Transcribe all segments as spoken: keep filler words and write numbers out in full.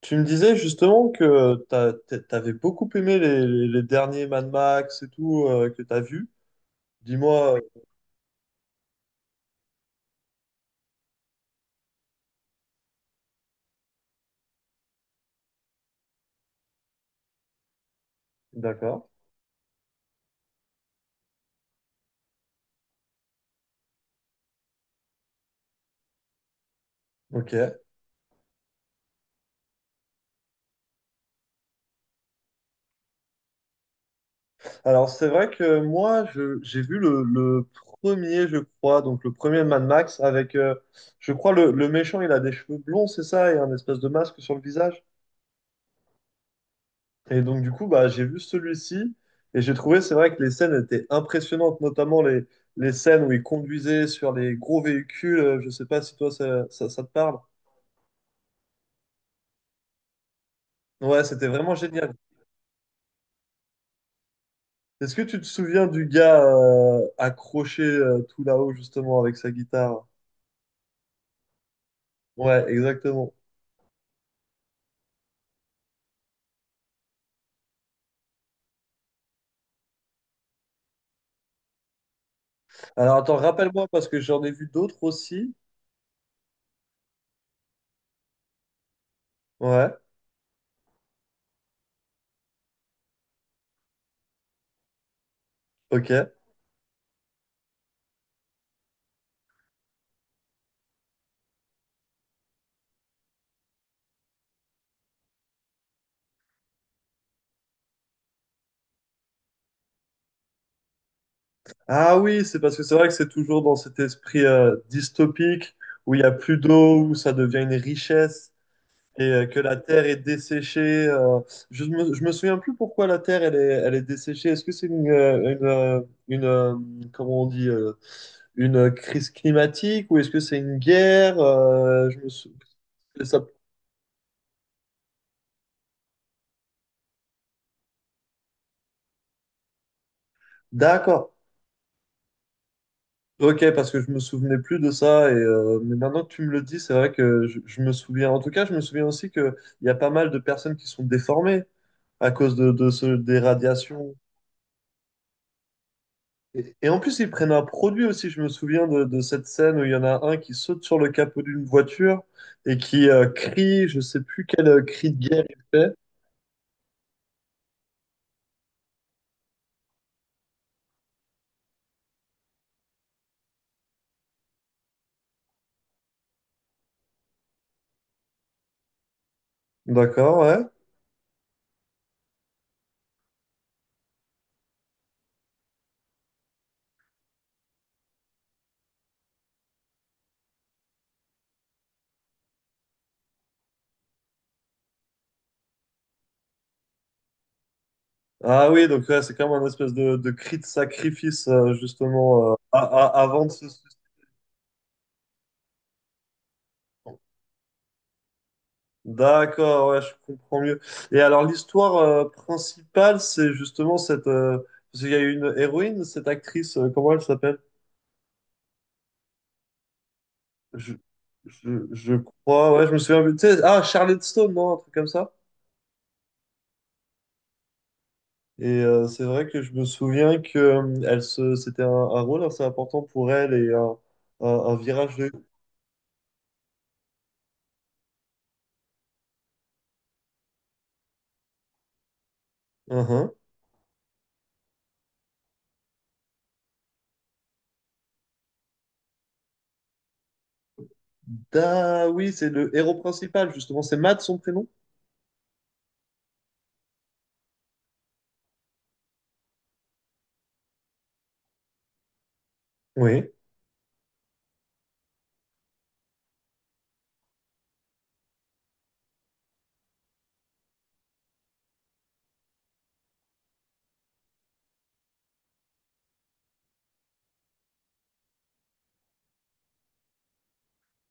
Tu me disais justement que t'as- t'a- t'avais beaucoup aimé les, les- les derniers Mad Max et tout euh, que t'as vu. Dis-moi. euh, D'accord. Ok. Alors c'est vrai que moi je- j'ai vu le, le premier, je crois, donc le premier Mad Max avec, euh, je crois le, le méchant, il a des cheveux blonds, c'est ça, et un espèce de masque sur le visage. Et donc du coup bah j'ai vu celui-ci et j'ai trouvé c'est vrai que les scènes étaient impressionnantes, notamment les les scènes où il conduisait sur les gros véhicules. Euh, Je sais pas si toi ça ça ça te parle. Ouais, c'était vraiment génial. Est-ce que tu te souviens du gars euh, accroché euh, tout là-haut justement avec sa guitare? Ouais, exactement. Alors attends, rappelle-moi parce que j'en ai vu d'autres aussi. Ouais, ok. Ah oui, c'est parce que c'est vrai que c'est toujours dans cet esprit euh, dystopique où il n'y a plus d'eau, où ça devient une richesse. Et euh, que la terre est desséchée. euh, je me, je me souviens plus pourquoi la terre elle est, elle est desséchée. Est-ce que c'est une, euh, une, euh, une, euh, comment on dit, euh, une euh, crise climatique ou est-ce que c'est une guerre? Euh, je me sou- c'est ça. D'accord. Ok, parce que je me souvenais plus de ça et euh, mais maintenant que tu me le dis, c'est vrai que je, je me souviens. En tout cas, je me souviens aussi que il y a pas mal de personnes qui sont déformées à cause de, de ce, des radiations. Et, et en plus, ils prennent un produit aussi. Je me souviens de, de cette scène où il y en a un qui saute sur le capot d'une voiture et qui euh, crie, je sais plus quel euh, cri de guerre il fait. D'accord, ouais. Ah oui, donc ouais, c'est comme un espèce de, de cri de sacrifice, euh, justement, euh, a- a- avant de se suicider. D'accord, ouais, je comprends mieux. Et alors, l'histoire euh, principale, c'est justement cette euh, parce qu'il y a une héroïne, cette actrice, euh, comment elle s'appelle? Je, je, je crois, ouais, je me souviens plus. Tu sais, ah, Charlotte Stone, non? Un truc comme ça? Et euh, c'est vrai que je me souviens que euh, elle se, c'était un, un rôle assez important pour elle et un, un- un virage de. Uhum. Da, oui, c'est le héros principal, justement. C'est Matt, son prénom? Oui.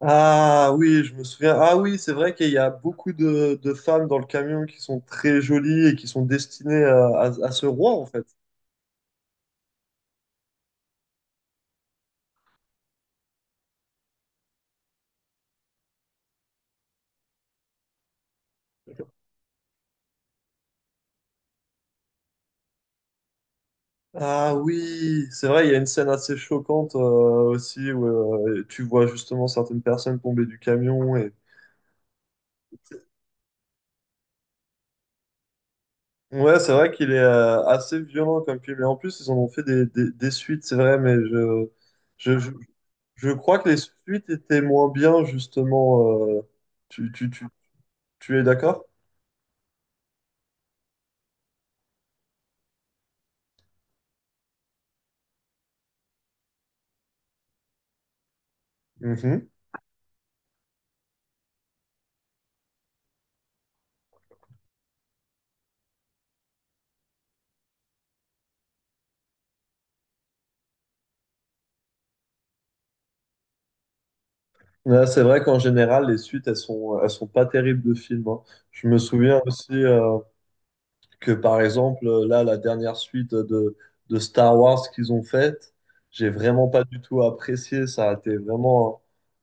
Ah oui, je me souviens. Ah oui, c'est vrai qu'il y a beaucoup de, de femmes dans le camion qui sont très jolies et qui sont destinées à, à- à ce roi, en fait. Ah oui, c'est vrai, il y a une scène assez choquante euh, aussi où euh, tu vois justement certaines personnes tomber du camion et. Ouais, c'est vrai qu'il est euh, assez violent comme film. Et en plus, ils en ont fait des, des, des suites, c'est vrai, mais je, je, je, je crois que les suites étaient moins bien, justement. euh, tu, tu, tu, Tu es d'accord? Mhm. Ouais, c'est vrai qu'en général, les suites, elles sont, elles sont pas terribles de films, hein. Je me souviens aussi. Euh, que par exemple, là, la dernière suite de, de Star Wars qu'ils ont faite, j'ai vraiment pas du tout apprécié. Ça a été vraiment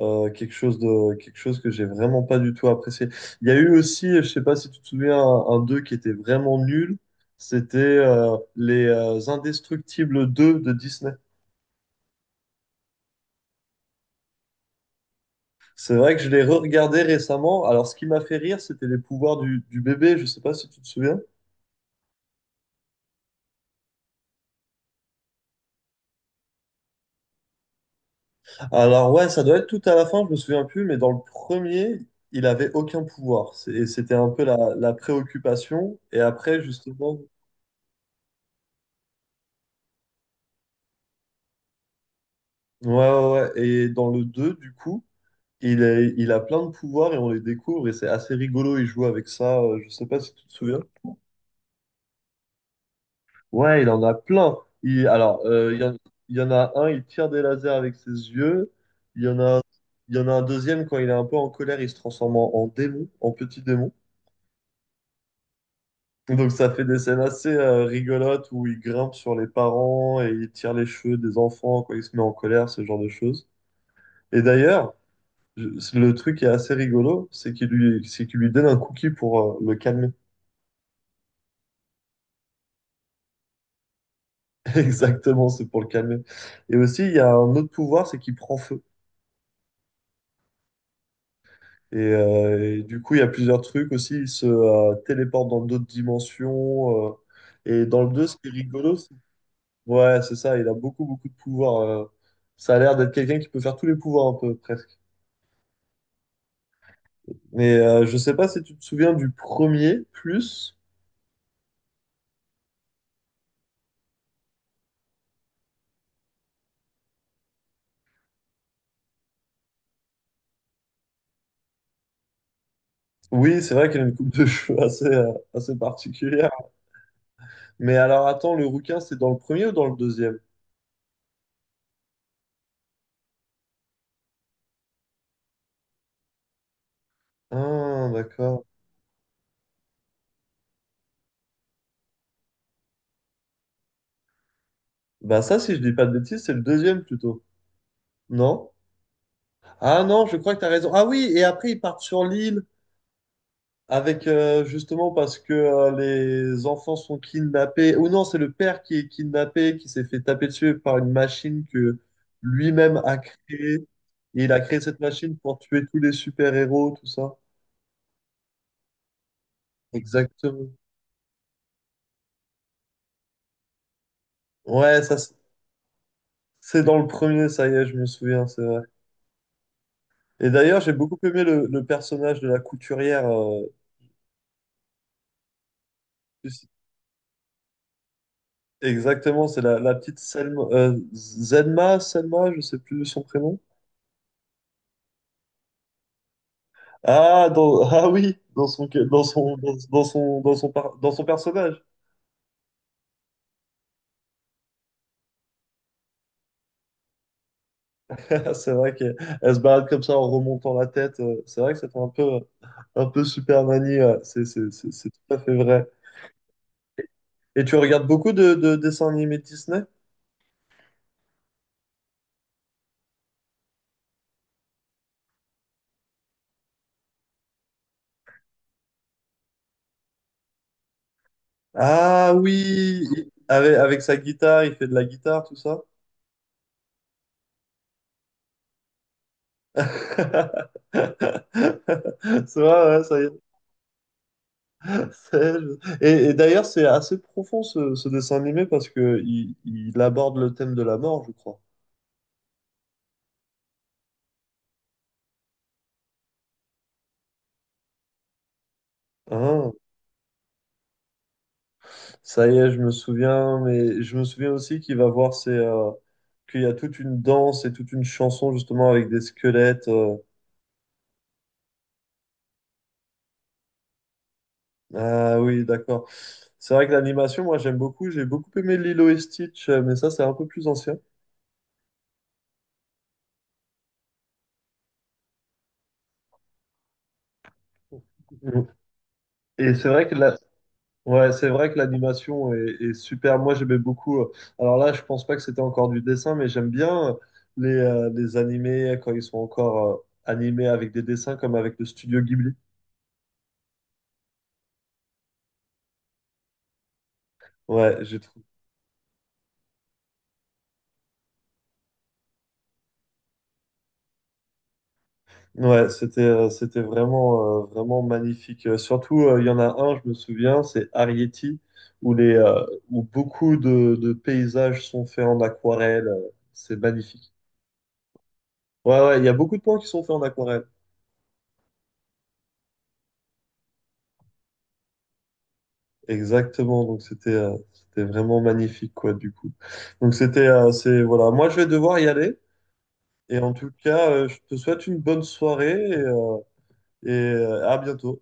euh, quelque chose de, quelque chose que j'ai vraiment pas du tout apprécié. Il y a eu aussi, je sais pas si tu te souviens, un, un deux qui était vraiment nul. C'était euh, les euh, Indestructibles deux de Disney. C'est vrai que je l'ai re-regardé récemment. Alors, ce qui m'a fait rire, c'était les pouvoirs du, du bébé. Je sais pas si tu te souviens. Alors ouais, ça doit être tout à la fin, je me souviens plus, mais dans le premier, il avait aucun pouvoir. C'est- Et c'était un peu la, la préoccupation. Et après, justement, ouais, ouais, ouais. Et dans le deux, du coup, il est, il a plein de pouvoirs et on les découvre et c'est assez rigolo. Il joue avec ça. euh, Je sais pas si tu te souviens. Ouais, il en a plein. Il, alors, euh, il y en, Il y en a un, il tire des lasers avec ses yeux. Il y en a, il y en a un deuxième, quand il est un peu en colère, il se transforme en, en démon, en petit démon. Donc ça fait des scènes assez euh, rigolotes où il grimpe sur les parents et il tire les cheveux des enfants quand il se met en colère, ce genre de choses. Et d'ailleurs, je- le truc qui est assez rigolo, c'est qu'il lui, c'est qu'il lui donne un cookie pour euh, le calmer. Exactement, c'est pour le calmer. Et aussi, il y a un autre pouvoir, c'est qu'il prend feu. Et, euh, et du coup, il y a plusieurs trucs aussi. Il se euh, téléporte dans d'autres dimensions. Euh. et dans le deux, ce qui est rigolo, Ouais, c'est ça, il a beaucoup, beaucoup de pouvoir. euh. Ça a l'air d'être quelqu'un qui peut faire tous les pouvoirs un peu, presque. Mais euh, je sais pas si tu te souviens du premier, plus. Oui, c'est vrai qu'il a une coupe de cheveux assez, euh, assez particulière. Mais alors attends, le rouquin, c'est dans le premier ou dans le deuxième? Ah, d'accord. Bah ça, si je dis pas de bêtises, c'est le deuxième plutôt. Non? Ah non, je crois que t'as raison. Ah oui, et après ils partent sur l'île. Avec euh, justement parce que euh, les enfants sont kidnappés, ou non, c'est le père qui est kidnappé, qui s'est fait taper dessus par une machine que lui-même a créée. Et il a créé cette machine pour tuer tous les super-héros, tout ça. Exactement. Ouais, ça, c'est c'est dans le premier, ça y est, je me souviens, c'est vrai. Et d'ailleurs, j'ai beaucoup aimé le, le personnage de la couturière. Euh, exactement, c'est la, la petite Selma, euh, Zenma, Selma, je sais plus son prénom. Ah, dans, ah oui, dans son, dans son, dans, dans son, dans son, par- dans son personnage. C'est vrai qu'elle se balade comme ça en remontant la tête. euh, C'est vrai que ça fait un peu, un peu Superman. C'est c'est- c'est- c'est tout à fait vrai. Et tu regardes beaucoup de, de dessins animés de Disney? Ah oui, il- avec, avec sa guitare, il fait de la guitare, tout ça. C'est vrai, ouais, ça y est. Et, et d'ailleurs, c'est assez profond ce, ce dessin animé parce que il, il aborde le thème de la mort, je crois. Hein, ça y est, je me souviens, mais je me souviens aussi qu'il va voir ses, euh, qu'il y a toute une danse et toute une chanson justement avec des squelettes. euh. Ah oui, d'accord. C'est vrai que l'animation, moi, j'aime beaucoup. J'ai beaucoup aimé Lilo et Stitch, euh, mais ça, c'est un peu plus ancien. Et c'est vrai que là, ouais, c'est vrai que l'animation est, est super. Moi, j'aimais beaucoup. euh, Alors là, je pense pas que c'était encore du dessin, mais j'aime bien euh, les, euh, les animés quand ils sont encore euh, animés avec des dessins, comme avec le studio Ghibli. Ouais, j'ai trouvé. Ouais, c'était euh, c'était vraiment euh, vraiment magnifique. Euh, surtout, euh, il y en a un, je me souviens, c'est Arrietty, où les euh, où beaucoup de, de paysages sont faits en aquarelle. Euh, C'est magnifique. Ouais, ouais, il y a beaucoup de plans qui sont faits en aquarelle. Exactement, donc c'était euh, c'était vraiment magnifique quoi du coup. Donc c'était euh, c'est voilà, moi je vais devoir y aller et en tout cas euh, je te souhaite une bonne soirée et, euh, et euh, à bientôt.